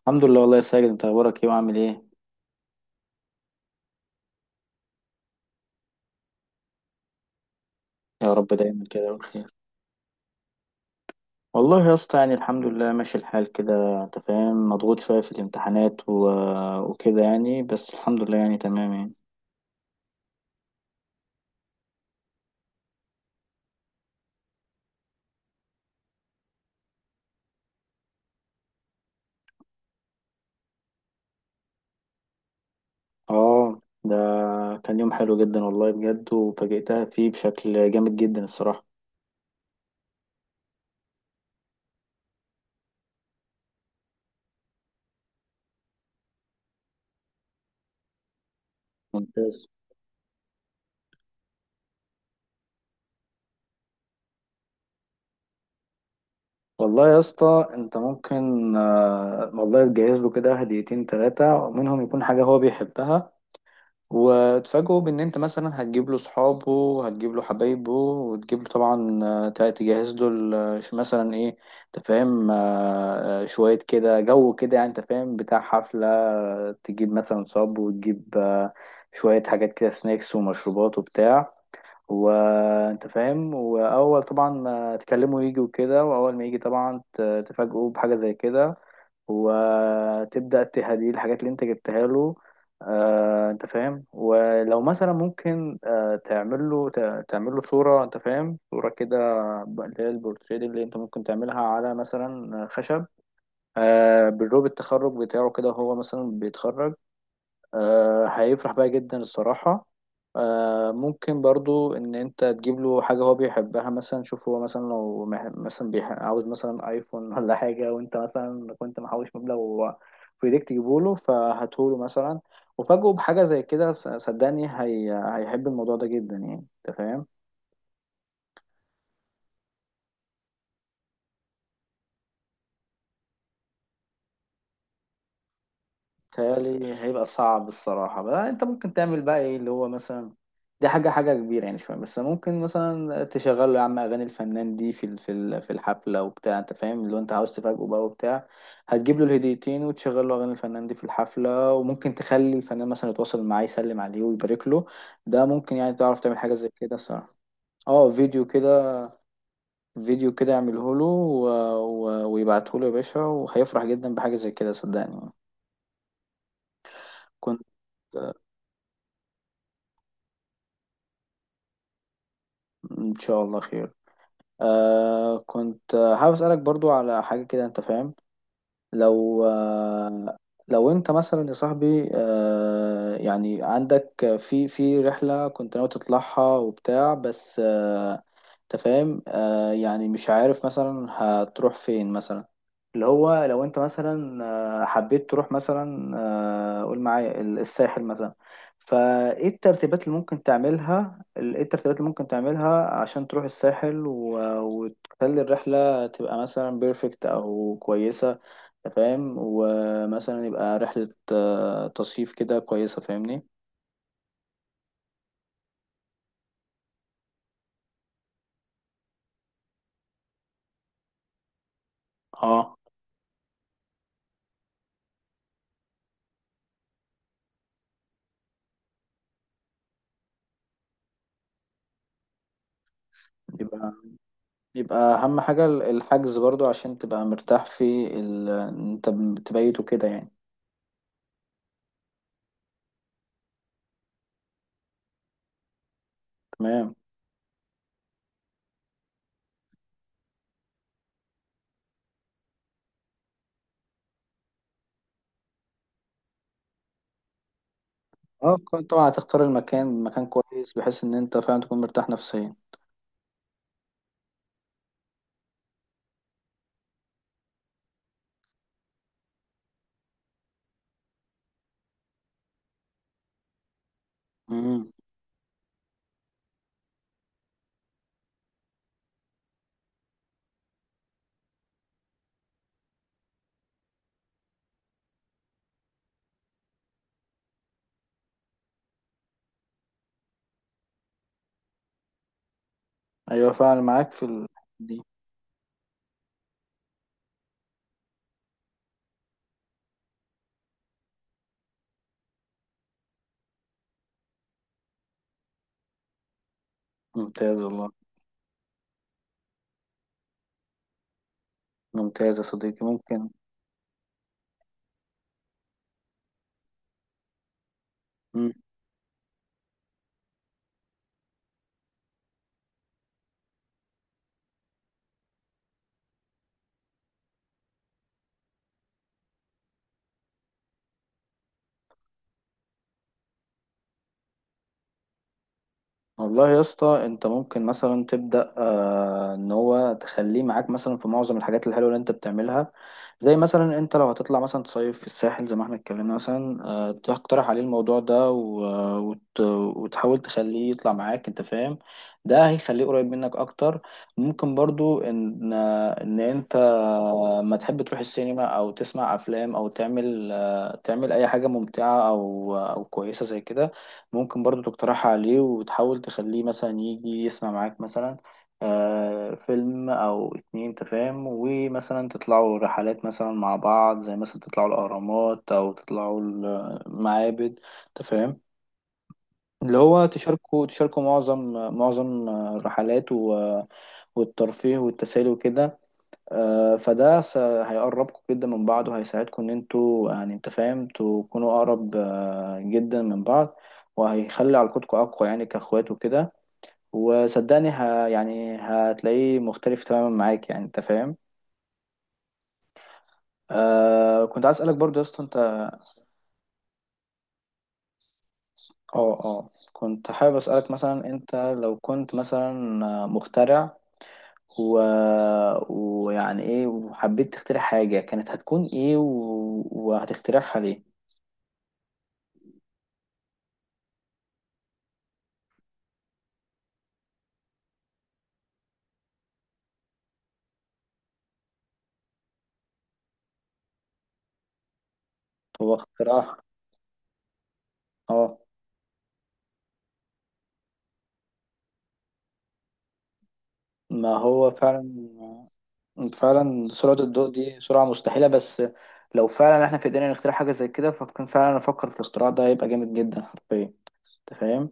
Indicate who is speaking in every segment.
Speaker 1: الحمد لله والله يا ساجد، انت اخبارك ايه وعامل ايه؟ يا رب دايما كده بخير. والله يا اسطى يعني الحمد لله ماشي الحال كده، انت فاهم؟ مضغوط شويه في الامتحانات وكده يعني، بس الحمد لله يعني تمام يعني. اه، ده كان يوم حلو جدا والله بجد، وفاجئتها فيه بشكل جامد جدا الصراحه. ممتاز والله يا اسطى، انت ممكن والله تجهز له كده هديتين ثلاثه، منهم يكون حاجه هو بيحبها. وتفاجئه بان انت مثلا هتجيب له صحابه، وهتجيب له حبايبه، وتجيب له طبعا، تجهز له مثلا ايه، انت فاهم؟ شويه كده جو كده يعني، انت فاهم؟ بتاع حفله، تجيب مثلا صاب، وتجيب شويه حاجات كده، سناكس ومشروبات وبتاع، وانت فاهم. واول طبعا ما تكلموا يجي وكده، واول ما يجي طبعا تفاجئوه بحاجه زي كده، وتبدا تهديه الحاجات اللي انت جبتها له. انت فاهم؟ ولو مثلا ممكن تعمل له صوره، انت فاهم؟ صوره كده، اللي هي البورتريه، اللي انت ممكن تعملها على مثلا خشب، بالروب التخرج بتاعه كده، هو مثلا بيتخرج. هيفرح بيها جدا الصراحة. ممكن برضو ان انت تجيب له حاجة هو بيحبها، مثلا شوف هو مثلا لو عاوز مثلا ايفون ولا حاجة، وانت مثلا كنت محوش مبلغ في ايديك تجيبه له، فهاتهوله مثلا، وفاجئه بحاجة زي كده. صدقني هيحب الموضوع ده جدا يعني، انت فاهم؟ تهيألي هيبقى صعب الصراحة بقى. انت ممكن تعمل بقى ايه اللي هو مثلا، دي حاجة حاجة كبيرة يعني شوية، بس ممكن مثلا تشغل له يا عم أغاني الفنان دي في الحفلة وبتاع، أنت فاهم؟ اللي هو أنت عاوز تفاجئه بقى وبتاع. هتجيب له الهديتين وتشغل له أغاني الفنان دي في الحفلة، وممكن تخلي الفنان مثلا يتواصل معاه يسلم عليه ويبارك له. ده ممكن يعني تعرف تعمل حاجة زي كده الصراحة. اه، فيديو كده، فيديو كده اعمله له ويبعته له يا باشا، وهيفرح جدا بحاجة زي كده صدقني. كنت إن شاء الله خير. كنت حابب أسألك برضو على حاجة كده، أنت فاهم؟ لو آه، لو انت مثلا يا صاحبي يعني عندك في رحلة كنت ناوي تطلعها وبتاع، بس انت فاهم؟ يعني مش عارف مثلا هتروح فين مثلا، اللي هو لو انت مثلا حبيت تروح مثلا، قول معايا الساحل مثلا، فايه الترتيبات اللي ممكن تعملها ايه الترتيبات اللي ممكن تعملها عشان تروح الساحل وتخلي الرحلة تبقى مثلا بيرفكت او كويسة، أنت فاهم؟ ومثلا يبقى رحلة تصيف كده كويسة، فاهمني؟ اه، يبقى أهم حاجة الحجز برضو عشان تبقى مرتاح في أنت تبيته كده يعني. تمام. اه، كنت طبعا هتختار المكان، مكان كويس بحيث إن أنت فعلا تكون مرتاح نفسيا. مم. أيوة فعلا معاك في دي. ممتاز والله. ممتاز يا صديقي، ممكن. والله يا اسطى انت ممكن مثلا تبدا ان هو تخليه معاك مثلا في معظم الحاجات الحلوه اللي انت بتعملها. زي مثلا انت لو هتطلع مثلا تصيف في الساحل زي ما احنا اتكلمنا مثلا، تقترح عليه الموضوع ده وتحاول تخليه يطلع معاك، انت فاهم؟ ده هيخليه قريب منك اكتر. ممكن برضو ان انت ما تحب تروح السينما او تسمع افلام او تعمل اي حاجه ممتعه او كويسه زي كده. ممكن برضو تقترحها عليه، وتحاول تخليه مثلا يجي يسمع معاك مثلا فيلم أو اتنين. تفاهم؟ ومثلا تطلعوا رحلات مثلا مع بعض، زي مثلا تطلعوا الأهرامات أو تطلعوا المعابد. تفاهم؟ اللي هو تشاركوا معظم الرحلات والترفيه والتسالي وكده. فده هيقربكم جدا من بعض، وهيساعدكم ان انتوا يعني، انت فاهم؟ تكونوا اقرب جدا من بعض، وهيخلي علاقتكم اقوى، يعني كاخوات وكده. وصدقني يعني هتلاقيه مختلف تماما معاك، يعني انت فاهم؟ كنت عايز اسالك برضو يا اسطى انت. اه كنت حابب اسالك مثلا انت لو كنت مثلا مخترع و... ويعني ايه، وحبيت تخترع حاجة كانت هتكون ايه وهتخترعها ليه؟ هو اختراع. اه، ما هو فعلا. فعلا سرعة الضوء دي سرعة مستحيلة، بس لو فعلا احنا في ايدينا نخترع حاجة زي كده فكان فعلا افكر في الاختراع ده، هيبقى جامد جدا حرفيا، انت فاهم؟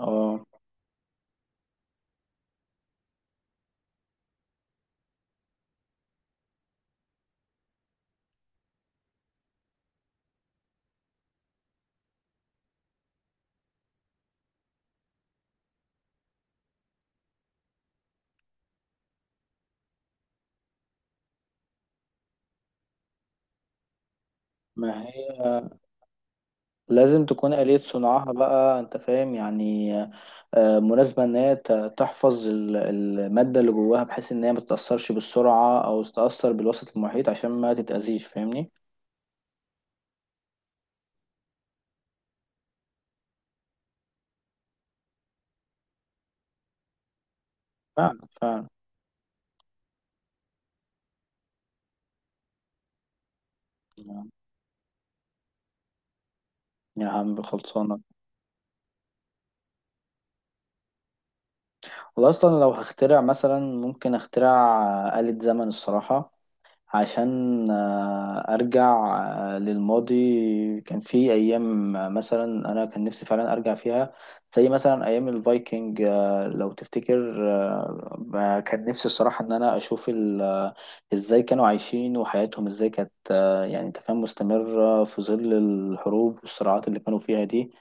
Speaker 1: اه، ما هي لازم تكون آلية صنعها بقى، انت فاهم يعني مناسبة، ان هي تحفظ المادة اللي جواها، بحيث ان هي ما تتأثرش بالسرعة او تتأثر بالوسط المحيط عشان ما تتأذيش، فاهمني؟ فعلا فعلا. يا عم خلصانة. والله اصلا لو هخترع مثلا ممكن اخترع آلة زمن الصراحة، عشان ارجع للماضي. كان في ايام مثلا انا كان نفسي فعلا ارجع فيها، زي مثلا ايام الفايكنج. لو تفتكر، كان نفسي الصراحة ان انا اشوف ازاي كانوا عايشين، وحياتهم ازاي كانت يعني انت فاهم؟ مستمرة في ظل الحروب والصراعات اللي كانوا فيها دي.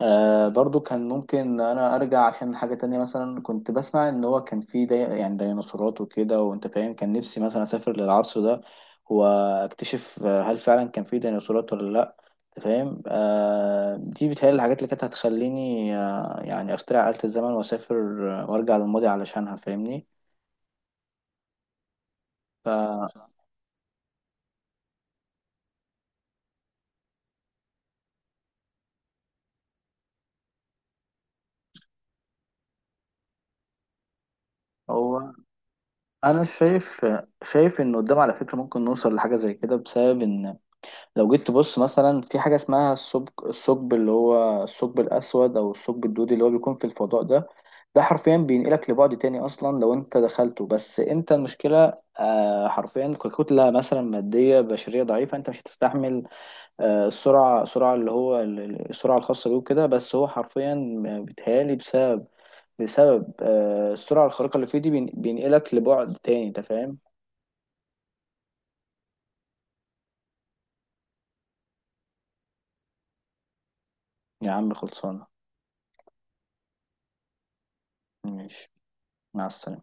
Speaker 1: برضو كان ممكن انا ارجع عشان حاجة تانية، مثلا كنت بسمع ان هو كان في دي يعني ديناصورات وكده، وانت فاهم؟ كان نفسي مثلا اسافر للعصر ده واكتشف هل فعلا كان في ديناصورات ولا لا، انت فاهم؟ دي بتهيألي الحاجات اللي كانت هتخليني يعني اخترع آلة الزمن واسافر وارجع للماضي علشانها، فاهمني؟ فهو انا شايف، شايف ان قدام على فكرة ممكن نوصل لحاجة زي كده، بسبب ان لو جيت تبص مثلا في حاجة اسمها الثقب، اللي هو الثقب الأسود أو الثقب الدودي، اللي هو بيكون في الفضاء ده، ده حرفيا بينقلك لبعد تاني أصلا لو أنت دخلته. بس أنت المشكلة حرفيا ككتلة مثلا مادية بشرية ضعيفة، أنت مش هتستحمل آه، السرعة السرعة اللي هو ال- ال- السرعة الخاصة بيه وكده. بس هو حرفيا بيتهيألي بسبب السرعة الخارقة اللي فيه دي بينقلك لبعد تاني، أنت فاهم؟ يا عم خلصانة. ماشي. مع السلامة.